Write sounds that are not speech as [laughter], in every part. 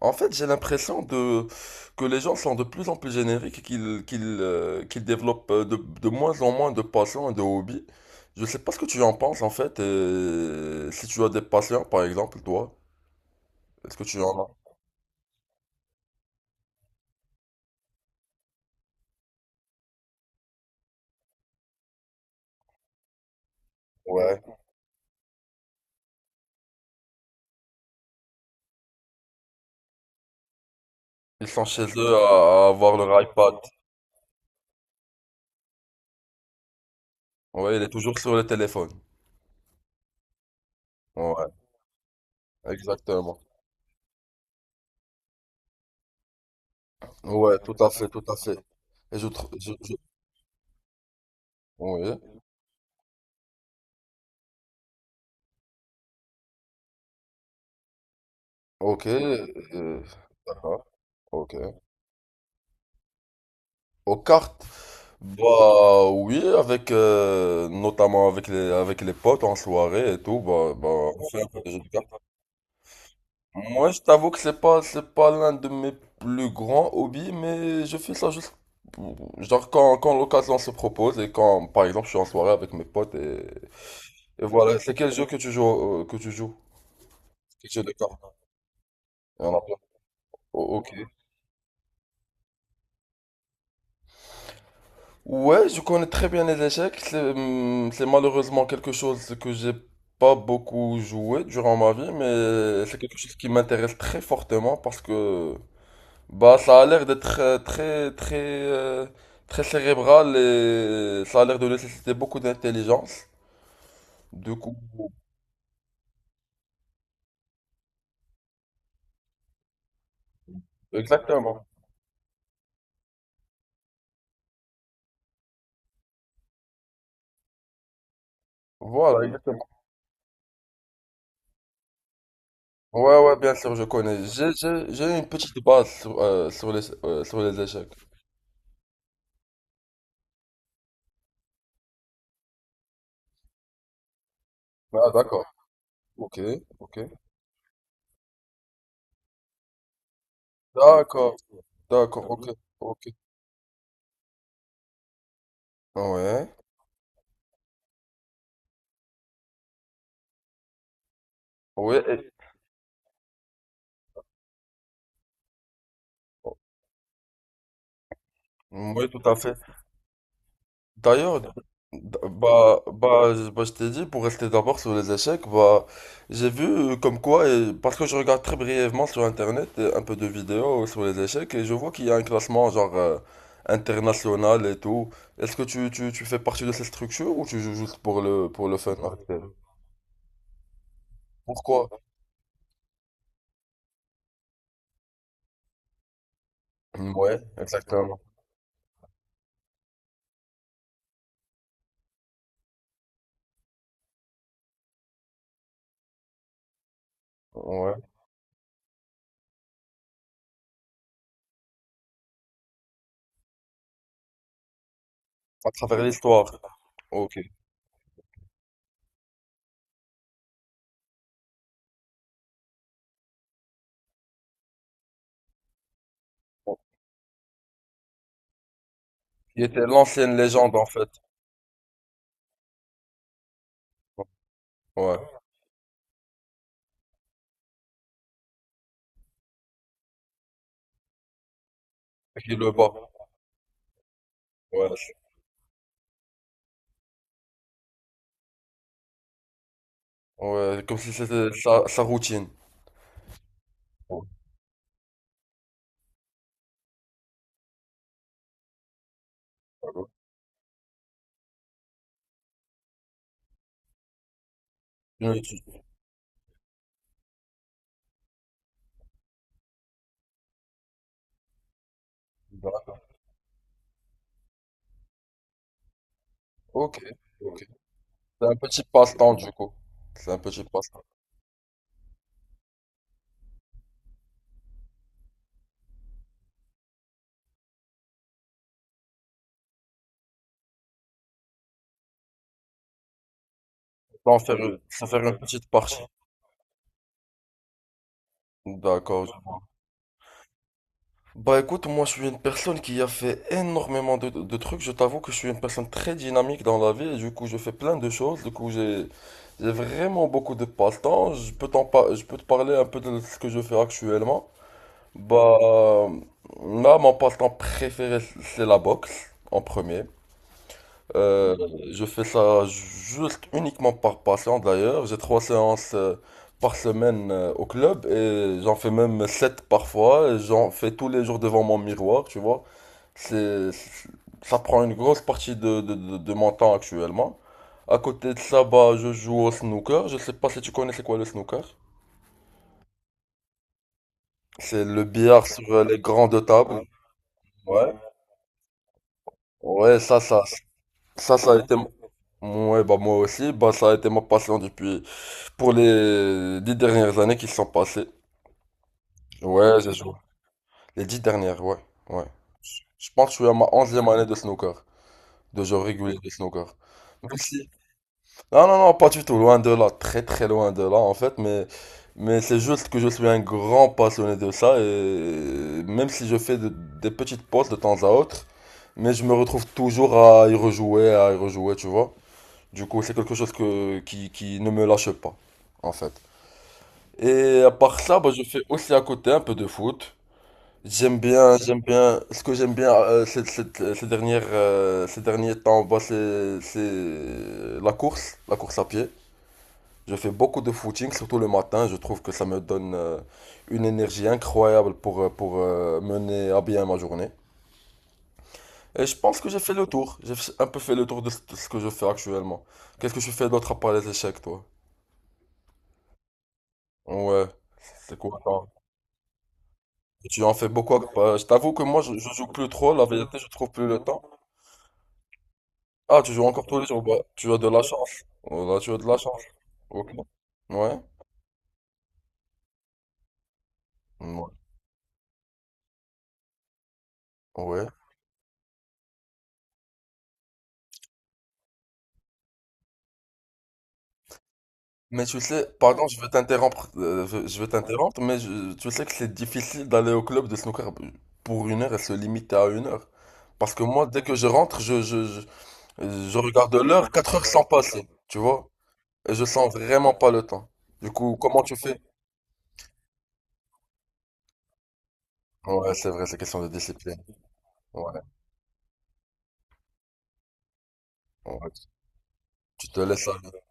En fait, j'ai l'impression de que les gens sont de plus en plus génériques et qu'ils développent de moins en moins de passions et de hobbies. Je sais pas ce que tu en penses en fait. Et si tu as des passions, par exemple, toi, est-ce que tu en as? Ouais. Ils sont chez eux à avoir leur iPad. Ouais, il est toujours sur le téléphone. Ouais, exactement. Ouais, tout à fait, tout à fait. Je- Oui. Ok. Ça va. Ok. Aux cartes. Bah oui, avec notamment avec les potes en soirée et tout, bah on fait un peu de jeux de cartes. Moi, je t'avoue que c'est pas l'un de mes plus grands hobbies, mais je fais ça juste genre quand l'occasion se propose et quand par exemple je suis en soirée avec mes potes et voilà. C'est quel jeu que tu joues? Quel jeu de cartes? Il y en a plein. Oh, ok. Ouais, je connais très bien les échecs. C'est malheureusement quelque chose que j'ai pas beaucoup joué durant ma vie, mais c'est quelque chose qui m'intéresse très fortement parce que bah ça a l'air d'être très très très cérébral et ça a l'air de nécessiter beaucoup d'intelligence. Du coup, exactement. Voilà, exactement. Ouais, ouais, bien sûr, je connais. J'ai une petite base sur sur les échecs. Ah, d'accord. Ok, ok. D'accord, d'accord, ok, ok. Ouais, ouais, ouais, tout à fait. D'ailleurs, je t'ai dit, pour rester d'abord sur les échecs, bah, j'ai vu comme quoi, parce que je regarde très brièvement sur Internet un peu de vidéos sur les échecs, et je vois qu'il y a un classement genre international et tout. Est-ce que tu fais partie de cette structure ou tu joues juste pour le fun? Avec elle. Pourquoi? Ouais, exactement. Ouais, à travers l'histoire. Ok. Qui était l'ancienne légende en fait. Ouais. Et qui le bat. Ouais, ouais, comme si c'était sa routine. Ouais, une routine. Ok, ok. C'est un petit passe-temps du coup. C'est un petit passe-temps. Se faire une petite partie. D'accord. Bah écoute, moi je suis une personne qui a fait énormément de trucs. Je t'avoue que je suis une personne très dynamique dans la vie et du coup je fais plein de choses. Du coup j'ai vraiment beaucoup de passe-temps. Je peux te parler un peu de ce que je fais actuellement. Bah, là, mon passe-temps préféré, c'est la boxe, en premier. Euh, je fais ça juste uniquement par passion, d'ailleurs. J'ai trois séances par semaine au club et j'en fais même sept parfois. Et j'en fais tous les jours devant mon miroir, tu vois. C'est, c'est- ça prend une grosse partie de mon temps actuellement. À côté de ça, bah, je joue au snooker. Je sais pas si tu connais c'est quoi le snooker. C'est le billard sur les grandes tables. Ouais. Ouais, ça a été, ouais, bah, moi aussi, bah, ça a été ma passion depuis, pour les 10 dernières années qui se sont passées. Ouais, j'ai joué. Les dix dernières, ouais, ouais. Je pense que je suis à ma 11e année de snooker, de jeu régulier de snooker. Même si- Non, non, non, pas du tout, loin de là, très très loin de là, en fait, mais c'est juste que je suis un grand passionné de ça, et même si je fais des petites pauses de temps à autre, mais je me retrouve toujours à y rejouer, tu vois. Du coup, c'est quelque chose qui ne me lâche pas, en fait. Et à part ça, bah, je fais aussi à côté un peu de foot. Ce que j'aime bien ces derniers temps, bah, c'est la course à pied. Je fais beaucoup de footing, surtout le matin. Je trouve que ça me donne une énergie incroyable pour mener à bien ma journée. Et je pense que j'ai fait le tour. J'ai un peu fait le tour de ce que je fais actuellement. Qu'est-ce que je fais d'autre à part les échecs, toi? Ouais. C'est quoi, attends. Tu en fais beaucoup. Bah, je t'avoue que moi, je joue plus trop. La vérité, je trouve plus le temps. Ah, tu joues encore tous les jours. Bah, tu as de la chance. Oh là, tu as de la chance. Ok. Ouais. Ouais. Ouais. Mais tu sais, pardon, je veux t'interrompre. Je veux t'interrompre, mais tu sais que c'est difficile d'aller au club de snooker pour 1 heure et se limiter à 1 heure. Parce que moi, dès que je rentre, je regarde l'heure, 4 heures sans passer. Tu vois? Et je sens vraiment pas le temps. Du coup, comment tu fais? Ouais, c'est vrai, c'est question de discipline. Ouais, ouais. Tu te laisses aller.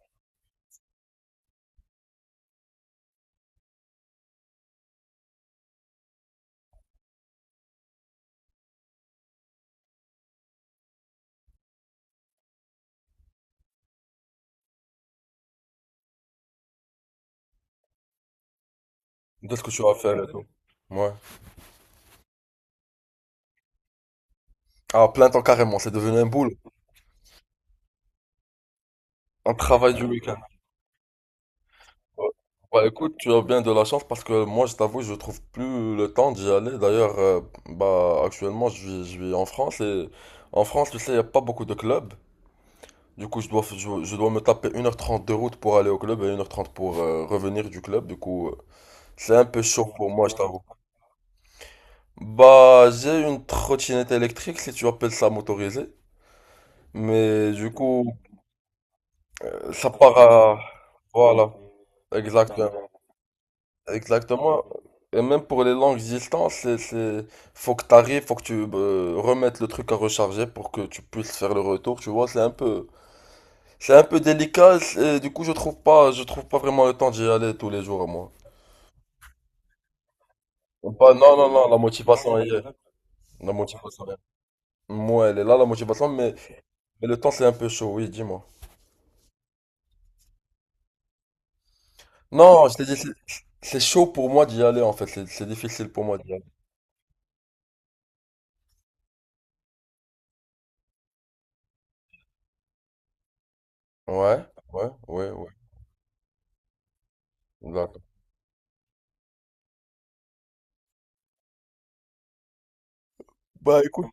De ce que tu vas faire et tout. Ouais. Ah plein temps, carrément, c'est devenu un boulot. Un travail du week-end. Ouais. Bah écoute, tu as bien de la chance parce que moi, je t'avoue, je trouve plus le temps d'y aller. D'ailleurs, bah actuellement, je vis en France et en France, tu sais, il n'y a pas beaucoup de clubs. Du coup, je dois me taper 1 heure trente de route pour aller au club et 1 heure trente pour revenir du club. Du coup, c'est un peu chaud pour moi, je t'avoue. Bah, j'ai une trottinette électrique, si tu appelles ça motorisée. Mais du coup, ça part à... Voilà, exactement. Exactement. Et même pour les longues distances, c'est. Faut que t'arrives, faut que tu remettes le truc à recharger pour que tu puisses faire le retour, tu vois, c'est un peu. C'est un peu délicat, et du coup, je trouve pas vraiment le temps d'y aller tous les jours, moi. Pas, non, non, non, la motivation, elle y est là. La motivation, là. Moi, elle est là, la motivation, mais le temps, c'est un peu chaud, oui, dis-moi. Non, je t'ai dit, c'est chaud pour moi d'y aller, en fait, c'est difficile pour moi d'y aller. Ouais, ouais, ouais, ouais. D'accord. Bah écoute,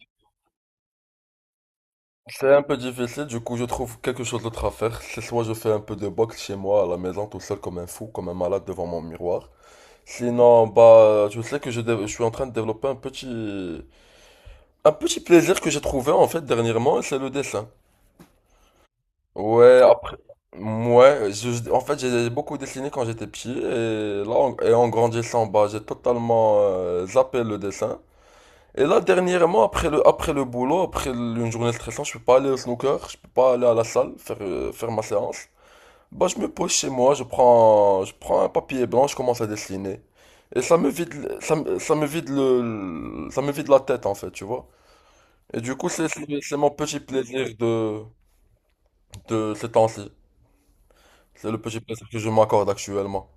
c'est un peu difficile, du coup je trouve quelque chose d'autre à faire. C'est soit je fais un peu de boxe chez moi à la maison tout seul comme un fou, comme un malade devant mon miroir. Sinon, bah je sais que je suis en train de développer un petit plaisir que j'ai trouvé en fait dernièrement, c'est le dessin. Ouais, après, ouais, en fait j'ai beaucoup dessiné quand j'étais petit et et en grandissant, bah j'ai totalement zappé le dessin. Et là, dernièrement, après le boulot, après une journée de stressante, je peux pas aller au snooker, je peux pas aller à la salle faire ma séance. Bah, je me pose chez moi, je prends un papier blanc, je commence à dessiner. Et ça me vide, le- ça me vide le- ça me vide la tête, en fait, tu vois. Et du coup, c'est mon petit plaisir de ces temps-ci. C'est le petit plaisir que je m'accorde actuellement.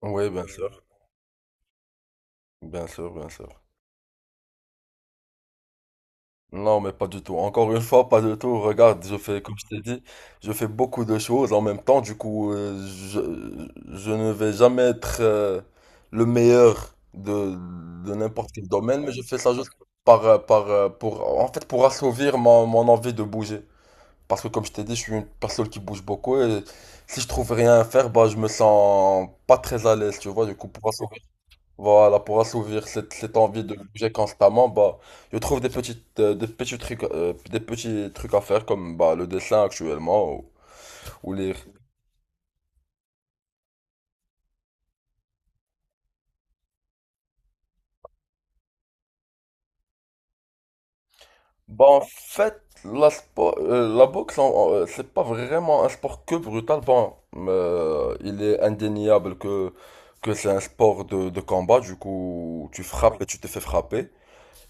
Oui, bien sûr, bien sûr, bien sûr. Non, mais pas du tout. Encore une fois, pas du tout. Regarde, je fais, comme je t'ai dit, je fais beaucoup de choses en même temps. Du coup, je ne vais jamais être le meilleur de n'importe quel domaine, mais je fais ça juste en fait, pour assouvir mon envie de bouger. Parce que, comme je t'ai dit, je suis une personne qui bouge beaucoup et si je trouve rien à faire, bah, je me sens pas très à l'aise, tu vois. Du coup, pour assouvir cette envie de bouger constamment, bah, je trouve des petits trucs à faire comme bah, le dessin actuellement ou lire. Bah, en fait, la boxe, c'est pas vraiment un sport que brutal. Bon, il est indéniable que c'est un sport de combat, du coup, tu frappes et tu te fais frapper.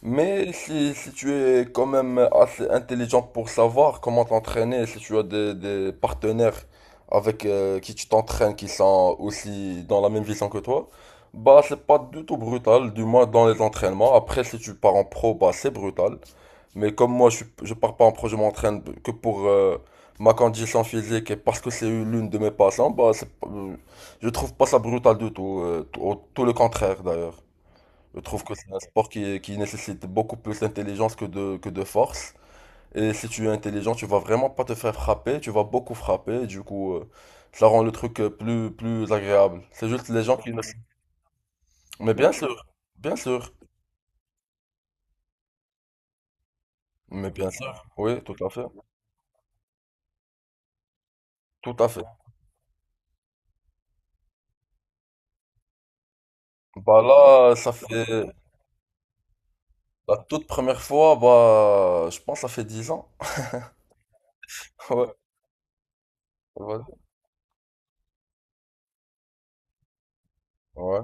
Mais si tu es quand même assez intelligent pour savoir comment t'entraîner, si tu as des partenaires avec qui tu t'entraînes qui sont aussi dans la même vision que toi, bah c'est pas du tout brutal, du moins dans les entraînements. Après, si tu pars en pro, bah c'est brutal. Mais comme moi, je pars pas en pro, je m'entraîne que pour ma condition physique et parce que c'est l'une de mes passions, bah c'est, pas- je trouve pas ça brutal du tout, tout le contraire d'ailleurs. Je trouve que c'est un sport qui nécessite beaucoup plus d'intelligence que de force. Et si tu es intelligent, tu vas vraiment pas te faire frapper, tu vas beaucoup frapper, du coup, ça rend le truc plus agréable. C'est juste les gens qui ne... Mais bien sûr, mais bien sûr, oui, tout à fait, tout à fait. Bah là, ça fait la toute première fois, bah, je pense que ça fait 10 ans. [laughs] Ouais, voilà. Ouais.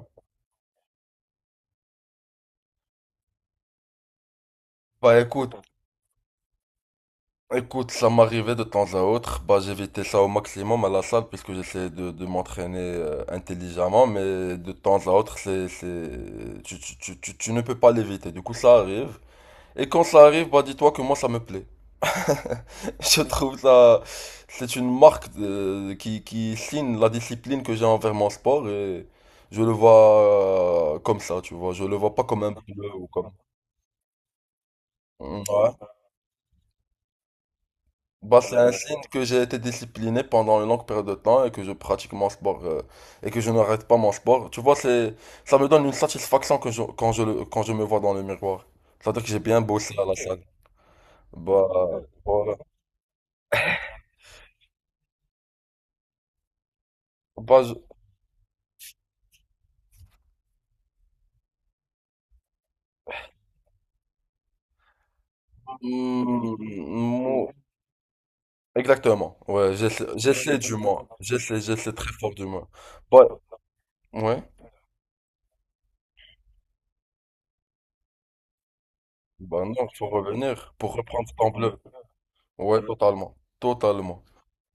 Bah écoute, Écoute, ça m'arrivait de temps à autre. Bah, j'évitais ça au maximum à la salle puisque j'essayais de m'entraîner intelligemment, mais de temps à autre, tu ne peux pas l'éviter. Du coup, ça arrive. Et quand ça arrive, bah, dis-toi que moi, ça me plaît. [laughs] Je trouve ça, c'est une qui signe la discipline que j'ai envers mon sport et je le vois comme ça, tu vois. Je le vois pas comme un peu ou comme. Ouais. Bah, c'est un signe que j'ai été discipliné pendant une longue période de temps et que je pratique mon sport et que je n'arrête pas mon sport. Tu vois, ça me donne une satisfaction que je- quand je, le- quand je me vois dans le miroir. C'est-à-dire que j'ai bien bossé à la salle. Bah, voilà. Bah, je- Hmm, exactement. Ouais, j'essaie, j'essaie du moins. J'essaie, j'essaie très fort du moins. Bah, ouais. Bah non, faut revenir pour reprendre ton bleu. Ouais, totalement. Totalement.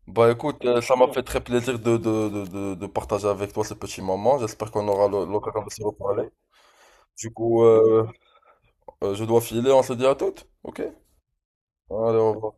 Bah écoute, ça m'a fait très plaisir de partager avec toi ces petits moments. J'espère qu'on aura l'occasion de se reparler. Du coup, je dois filer, on se dit à toutes. Ok? Allez, au revoir.